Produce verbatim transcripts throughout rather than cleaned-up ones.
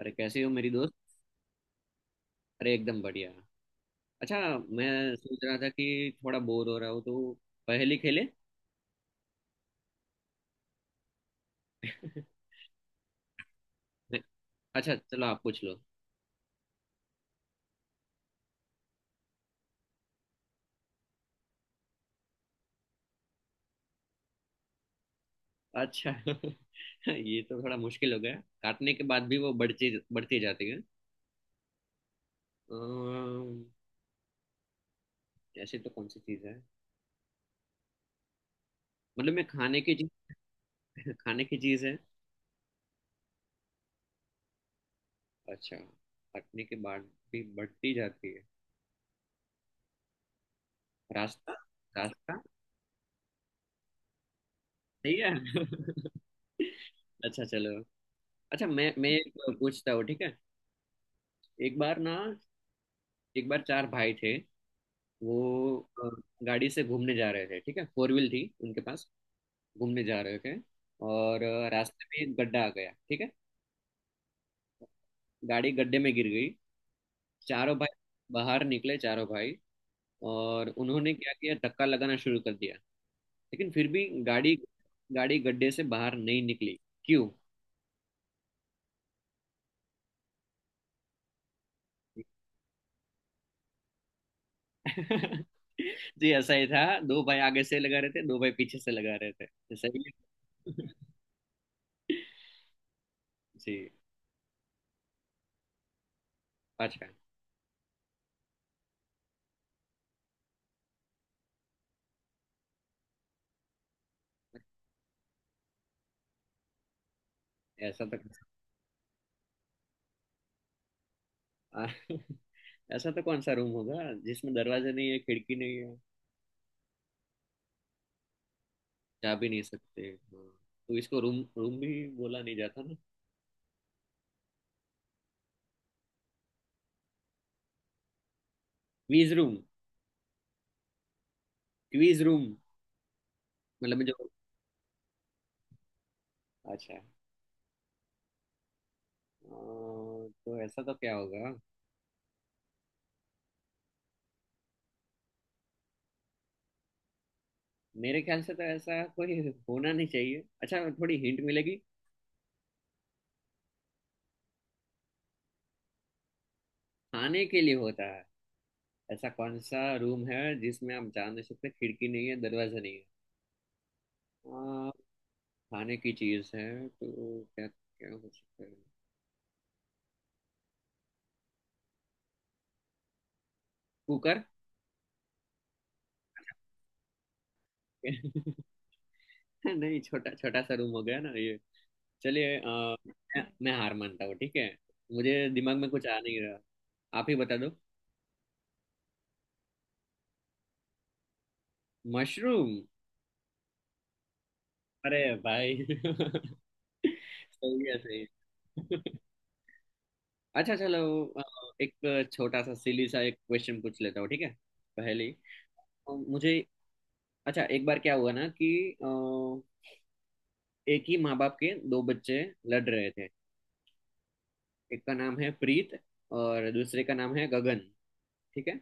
अरे कैसी हो मेरी दोस्त। अरे एकदम बढ़िया। अच्छा, मैं सोच रहा था कि थोड़ा बोर हो रहा हूँ तो पहेली खेले अच्छा चलो आप पूछ लो। अच्छा ये तो थोड़ा मुश्किल हो गया। काटने के बाद भी वो बढ़ती बढ़ती जाती है। अम्म, ऐसी तो कौन सी चीज है, मतलब मैं खाने की चीज खाने की चीज है। अच्छा, काटने के बाद भी बढ़ती जाती है। रास्ता। रास्ता। सही है अच्छा चलो, अच्छा मैं मैं एक पूछता हूँ, ठीक है। एक बार ना, एक बार चार भाई थे, वो अ, गाड़ी से घूमने जा रहे थे, ठीक है, फोर व्हील थी उनके पास। घूमने जा रहे थे और अ, रास्ते में एक गड्ढा आ गया, ठीक है। गाड़ी गड्ढे में गिर गई। चारों भाई बाहर निकले, चारों भाई, और उन्होंने क्या किया, धक्का लगाना शुरू कर दिया। लेकिन फिर भी गाड़ी गाड़ी गड्ढे से बाहर नहीं निकली। क्यों? जी ऐसा ही था, दो भाई आगे से लगा रहे थे, दो भाई पीछे से लगा रहे थे, सही है। जी। पाँच का। ऐसा तक, आ- ऐसा तो कौन सा रूम होगा जिसमें दरवाजा नहीं है, खिड़की नहीं है, जा भी नहीं सकते, हाँ, तो इसको रूम रूम भी बोला नहीं जाता ना। Quiz room. क्वीज रूम, मतलब जो। अच्छा, अ, तो ऐसा तो क्या होगा? मेरे ख्याल से तो ऐसा कोई होना नहीं चाहिए। अच्छा, थोड़ी हिंट मिलेगी? खाने के लिए होता है? ऐसा कौन सा रूम है जिसमें आप जा नहीं सकते, खिड़की नहीं है, दरवाजा नहीं है, अ, खाने की चीज है, तो क्या क्या हो सकता है? कुकर। नहीं, छोटा छोटा सा रूम हो गया ना ये। चलिए, अ, मैं मैं हार मानता हूँ, ठीक है। मुझे दिमाग में कुछ आ नहीं रहा। आप ही बता दो। मशरूम। अरे भाई सही है, सही है। अच्छा चलो, अ, एक छोटा सा सिली सा एक क्वेश्चन पूछ लेता हूँ, ठीक है, पहले। अ, मुझे अच्छा, एक बार क्या हुआ ना कि अ, एक ही माँ बाप के दो बच्चे लड़ रहे थे। एक का नाम है प्रीत और दूसरे का नाम है गगन, ठीक है।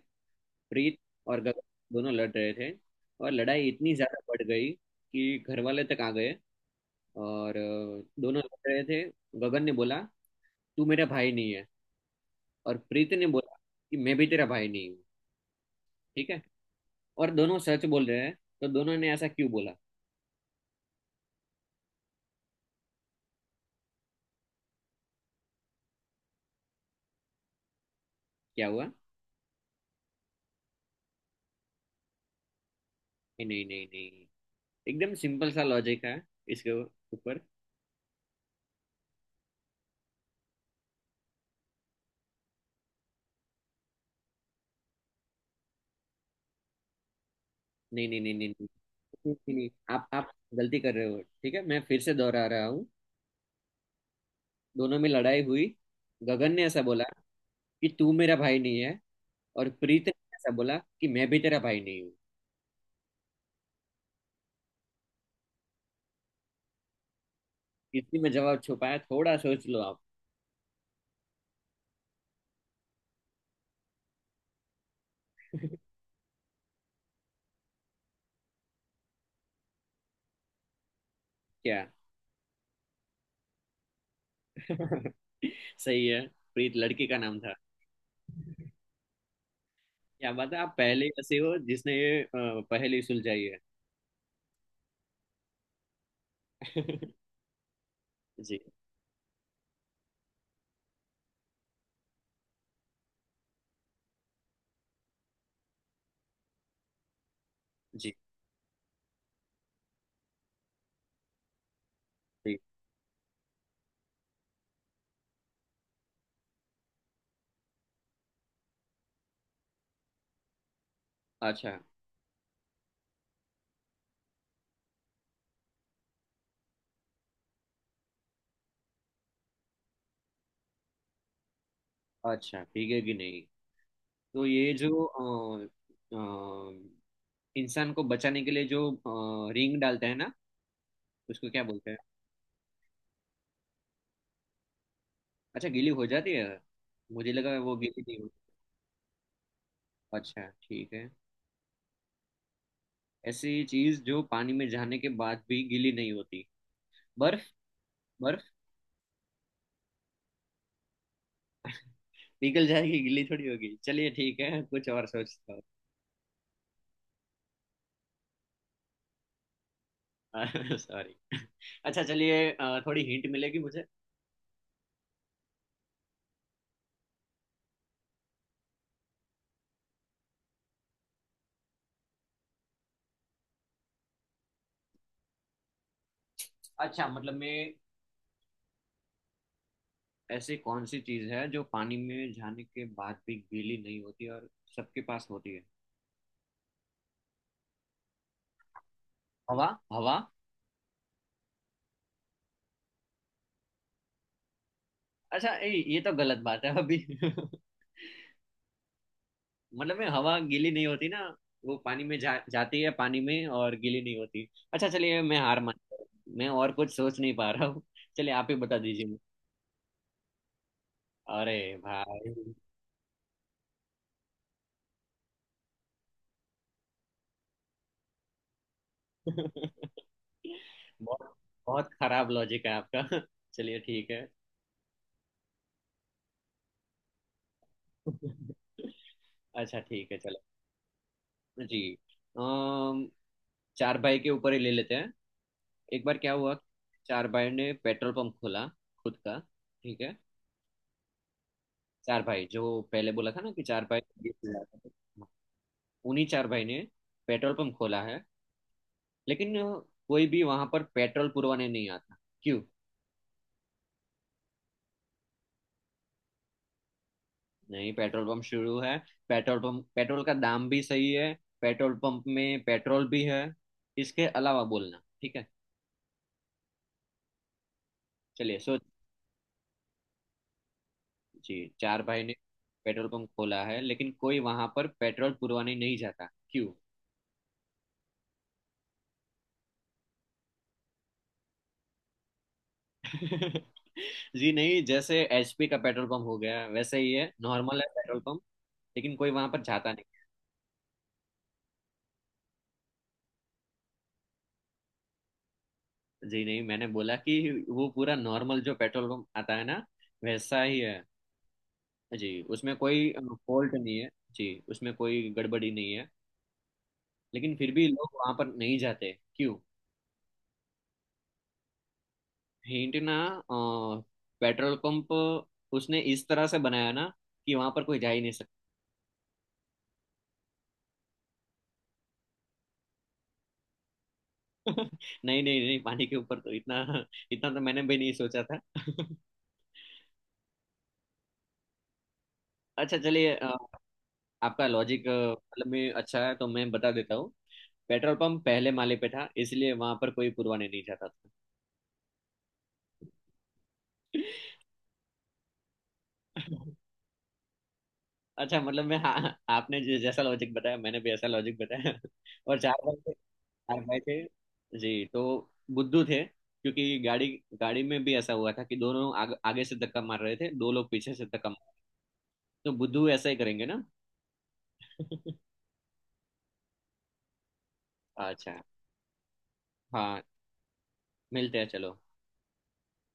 प्रीत और गगन, दोनों लड़ रहे थे, और लड़ाई इतनी ज्यादा बढ़ गई कि घर वाले तक आ गए। और अ, दोनों लड़ रहे थे। गगन ने बोला, तू मेरा भाई नहीं है, और प्रीत ने बोला कि मैं भी तेरा भाई नहीं हूँ, ठीक है, और दोनों सच बोल रहे हैं। तो दोनों ने ऐसा क्यों बोला? क्या हुआ? कि नहीं नहीं नहीं, एकदम सिंपल सा लॉजिक है इसके ऊपर। नहीं नहीं नहीं नहीं नहीं। नहीं, नहीं, नहीं, आप आप गलती कर रहे हो, ठीक है, मैं फिर से दोहरा रहा हूँ। दोनों में लड़ाई हुई, गगन ने ऐसा बोला कि तू मेरा भाई नहीं है, और प्रीत ने ऐसा बोला कि मैं भी तेरा भाई नहीं हूँ, इसलिए मैं जवाब छुपाया, थोड़ा सोच लो आप। क्या? सही है, प्रीत लड़की का नाम था। क्या बात है, आप पहले ही ऐसे हो जिसने ये अ, पहेली सुलझाई है। जी जी जी। अच्छा। अच्छा भीगेगी नहीं, तो ये जो अ, अ, इंसान को बचाने के लिए जो अ, रिंग डालते हैं ना, उसको क्या बोलते हैं? अच्छा गीली हो जाती है, मुझे लगा वो गीली नहीं होती। अच्छा ठीक है। ऐसी चीज जो पानी में जाने के बाद भी गीली नहीं होती, पर बर्फ? पिघल जाएगी, गीली थोड़ी होगी। चलिए ठीक है, कुछ और सोचता हूँ। सॉरी। अच्छा चलिए, अ, थोड़ी हिंट मिलेगी मुझे? अच्छा मतलब मैं, ऐसी कौन सी चीज है जो पानी में जाने के बाद भी गीली नहीं होती और सबके पास होती है? हवा। हवा। अच्छा ए, ये तो गलत बात है अभी मतलब मैं हवा गीली नहीं होती ना, वो पानी में जा, जाती है पानी में और गीली नहीं होती। अच्छा चलिए, मैं हार मान, मैं और कुछ सोच नहीं पा रहा हूँ। चलिए आप ही बता दीजिए मुझे। अरे भाई, बहुत बहुत खराब लॉजिक है आपका। चलिए ठीक है। अच्छा ठीक है चलो। जी। अम, चार भाई के ऊपर ही ले लेते हैं। एक बार क्या हुआ, चार भाई ने पेट्रोल पंप खोला, खुद का, ठीक है। चार भाई, जो पहले बोला था ना कि चार भाई बीस हज़ार का, उन्हीं चार भाई ने पेट्रोल पंप खोला है, लेकिन अ, कोई भी वहां पर पेट्रोल पुरवाने नहीं आता। क्यों? नहीं, पेट्रोल पंप शुरू है, पेट्रोल पंप, पेट्रोल का दाम भी सही है, पेट्रोल पंप में पेट्रोल भी है, इसके अलावा बोलना, ठीक है, चलिए सो। जी, चार भाई ने पेट्रोल पंप खोला है लेकिन कोई वहां पर पेट्रोल पुरवाने नहीं जाता, क्यों? जी नहीं, जैसे एचपी का पेट्रोल पंप हो गया वैसे ही है, नॉर्मल है पेट्रोल पंप, लेकिन कोई वहां पर जाता नहीं। जी नहीं, मैंने बोला कि वो पूरा नॉर्मल जो पेट्रोल पंप आता है ना, वैसा ही है। जी उसमें कोई फॉल्ट नहीं है, जी उसमें कोई गड़बड़ी नहीं है, लेकिन फिर भी लोग वहां पर नहीं जाते, क्यों? हिंट ना, अ, पेट्रोल पंप उसने इस तरह से बनाया ना कि वहां पर कोई जा ही नहीं सकता। नहीं नहीं नहीं, पानी के ऊपर तो इतना, इतना तो मैंने भी नहीं सोचा था अच्छा चलिए, अ, आपका लॉजिक मतलब में अच्छा है तो मैं बता देता हूँ, पेट्रोल पंप पहले माले पे था, इसलिए वहां पर कोई पुरवाने नहीं जाता था। अच्छा मतलब मैं, हाँ, आपने जो जैसा लॉजिक बताया, मैंने भी ऐसा लॉजिक बताया और चार भाई थे, चार भाई थे जी, तो बुद्धू थे क्योंकि गाड़ी गाड़ी में भी ऐसा हुआ था कि दोनों आग, आगे से धक्का मार रहे थे, दो लोग पीछे से धक्का मार रहे थे। तो बुद्धू ऐसा ही करेंगे ना। अच्छा हाँ, मिलते हैं चलो।